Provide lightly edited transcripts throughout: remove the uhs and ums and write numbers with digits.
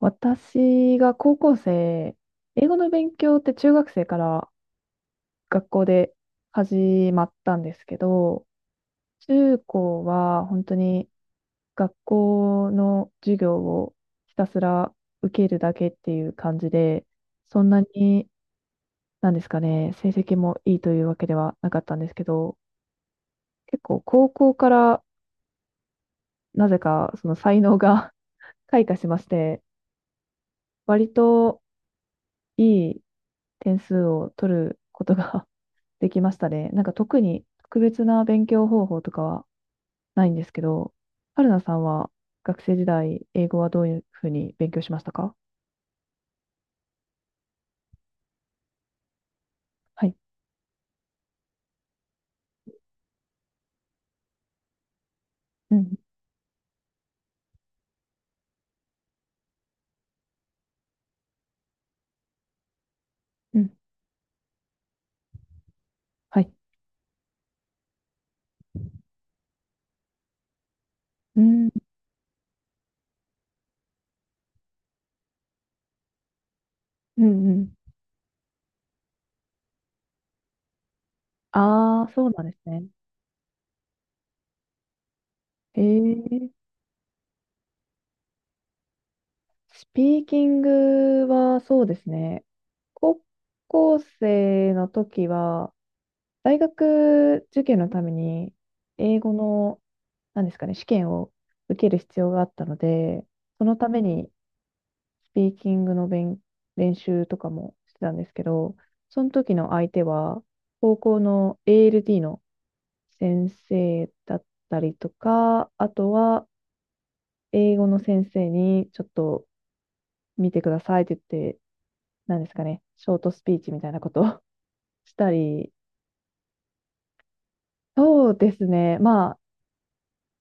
私が高校生、英語の勉強って中学生から学校で始まったんですけど、中高は本当に学校の授業をひたすら受けるだけっていう感じで、そんなに、なんですかね、成績もいいというわけではなかったんですけど、結構高校からなぜかその才能が 開花しまして、割といい点数を取ることが できましたね。なんか特に特別な勉強方法とかはないんですけど、春菜さんは学生時代、英語はどういうふうに勉強しましたか？はい。うん。うん。はい。うん。うん。うん。ああ、そうなんですね。えー、スピーキングはそうですね。高校生の時は、大学受験のために、英語の、なんですかね、試験を受ける必要があったので、そのためにスピーキングの練習とかもしてたんですけど、その時の相手は、高校の ALD の先生だったりとか、あとは、英語の先生に、ちょっと見てくださいって言って、なんですかね、ショートスピーチみたいなことを したり、そうですね、まあ、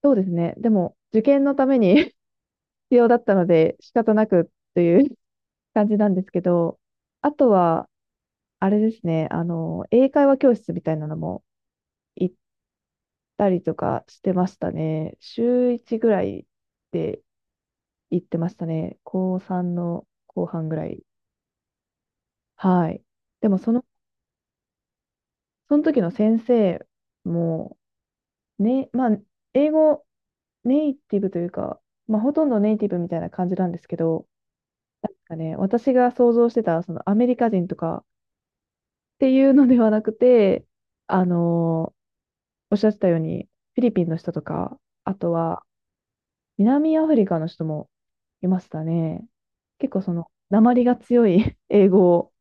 そうですね、でも、受験のために 必要だったので、仕方なくという 感じなんですけど、あとは、あれですね、英会話教室みたいなのも行ったりとかしてましたね。週1ぐらいで行ってましたね。高3の後半ぐらい。はい。でも、その時の先生も、ね、まあ、英語ネイティブというか、まあ、ほとんどネイティブみたいな感じなんですけど、なんかね、私が想像してた、そのアメリカ人とかっていうのではなくて、あの、おっしゃってたように、フィリピンの人とか、あとは、南アフリカの人もいましたね。結構その、訛りが強い 英語を、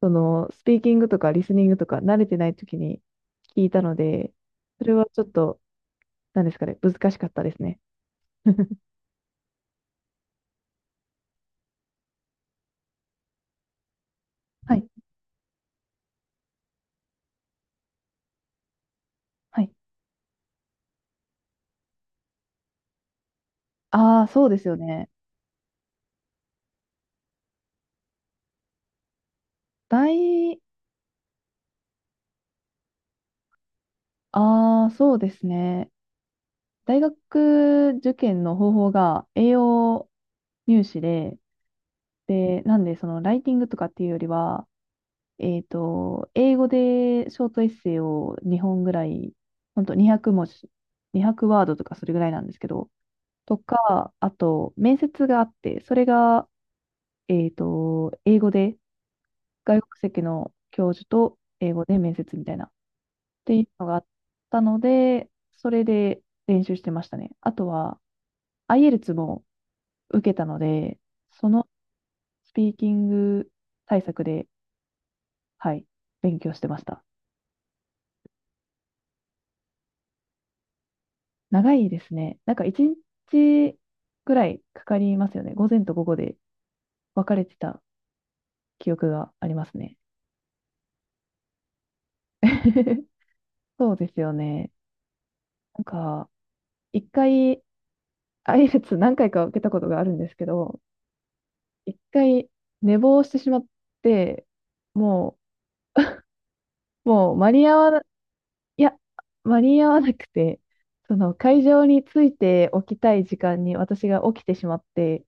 その、スピーキングとかリスニングとか慣れてない時に聞いたので、それはちょっと、なんですかね、難しかったですね。はい。はい。ああ、そうですよね。大、ああ、そうですね。大学受験の方法が栄養入試で、なんで、その、ライティングとかっていうよりは、英語でショートエッセイを2本ぐらい、ほんと200文字、200ワードとかそれぐらいなんですけど、とか、あと、面接があって、それが、英語で、外国籍の教授と英語で面接みたいな、っていうのがあったので、それで練習してましたね。あとは、IELTS も受けたので、そのスピーキング対策で、はい、勉強してました。長いですね。なんか一日ぐらいかかりますよね。午前と午後で分かれてた記憶がありますね。そうですよね。なんか、一回、IELTS 何回か受けたことがあるんですけど、一回寝坊してしまって、ももう間に合わな、いや、間に合わなくて、その会場に着いておきたい時間に私が起きてしまって、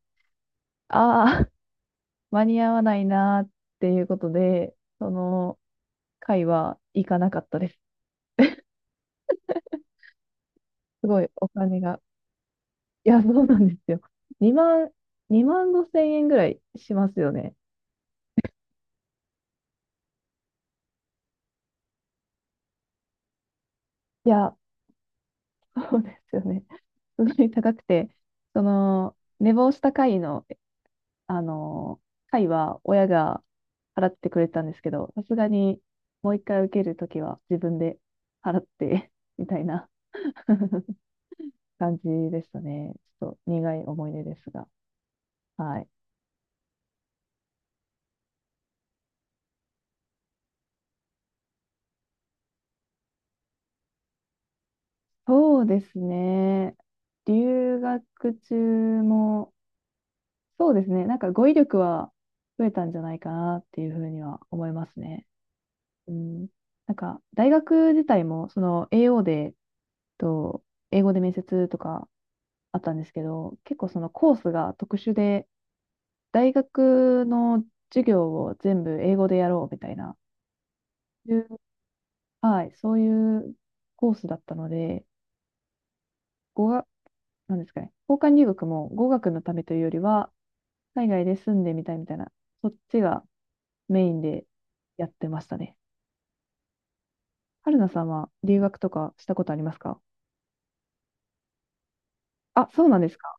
ああ、間に合わないなーっていうことで、その、回は行かなかったです。すごいお金が。いや、そうなんですよ。2万、2万5千円ぐらいしますよね。いや、そうですよね。すごい高くて、その、寝坊した回の、あの、回は親が払ってくれたんですけど、さすがにもう一回受けるときは自分で払ってみたいな 感じでしたね。ちょっと苦い思い出ですが。はい。そうですね。留学中も、そうですね。なんか語彙力は増えたんじゃないかなっていうふうには思いますね。うん。なんか大学自体も、その AO で、と、英語で面接とかあったんですけど、結構そのコースが特殊で、大学の授業を全部英語でやろうみたいな、いうはい、そういうコースだったので、語学、なんですかね、交換留学も語学のためというよりは、海外で住んでみたいみたいな、そっちがメインでやってましたね。春菜さんは留学とかしたことありますか？あ、そうなんですか。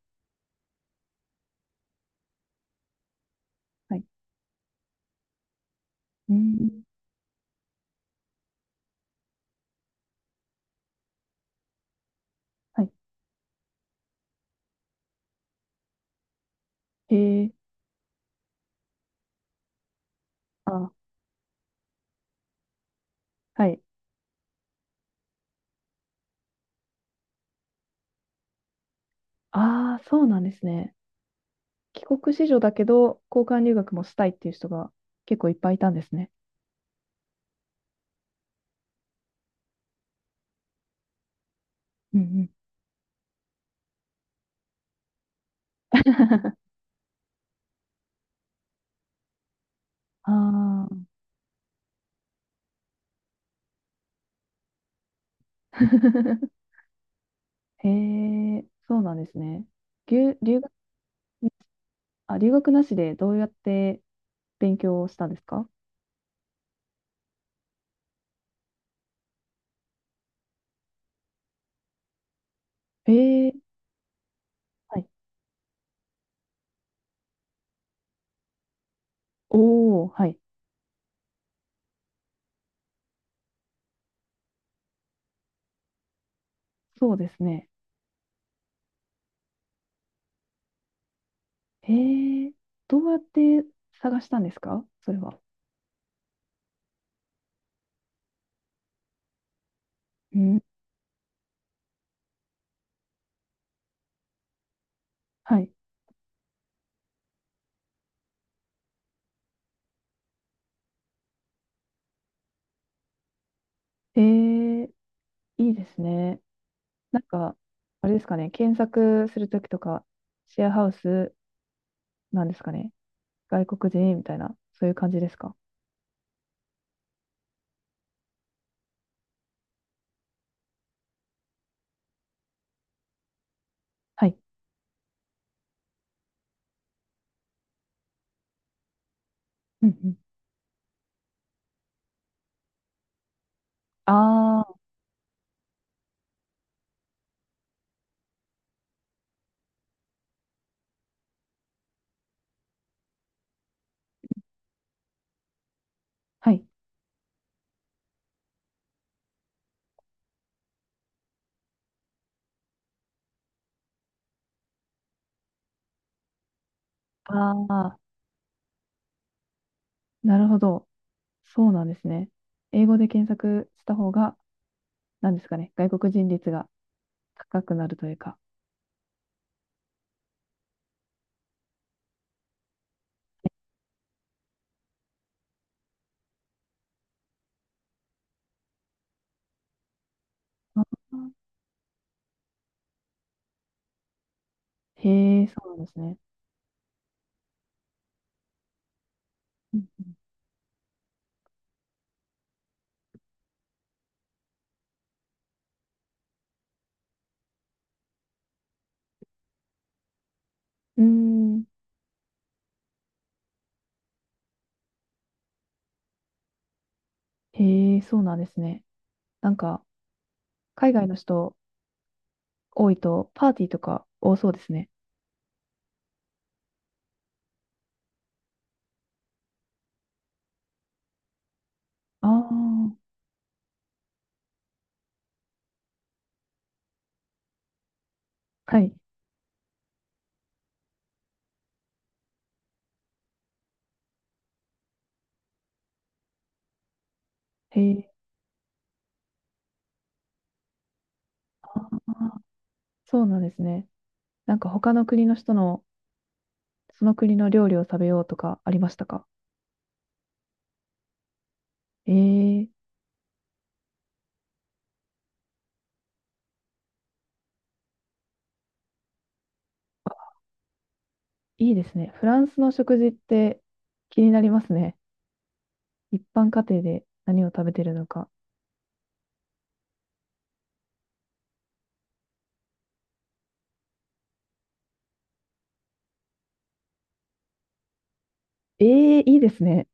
はい。うん。はい。へえ。あ、はい。ああ、そうなんですね。帰国子女だけど、交換留学もしたいっていう人が結構いっぱいいたんですね。うんうん。ああ。へえ、そうなんですね。留、留学、あ、留学なしでどうやって勉強をしたんですか？へえ。はい。おお、はい。そうですね。へえ、どうやって探したんですかそれは。うん。はい。へえ、いいですね。なんか、あれですかね、検索するときとか、シェアハウスなんですかね、外国人みたいな、そういう感じですか？はい。うんうん。ああ、はい。ああ、なるほど。そうなんですね。英語で検索した方が、なんですかね、外国人率が高くなるというか。あー、へえ、そうなんですね。うん。うーん、へえ、そうなんですね。なんか、海外の人多いと、パーティーとか多そうですね。ああ、はい。へえ、ああ、そうなんですね。なんか、他の国の人の、その国の料理を食べようとかありましたか？ええ、あ、いいですね。フランスの食事って気になりますね。一般家庭で何を食べてるのか。ええ、いいですね。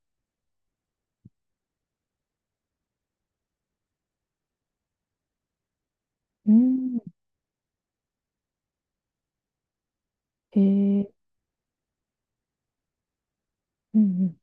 うん、へえ、うんうん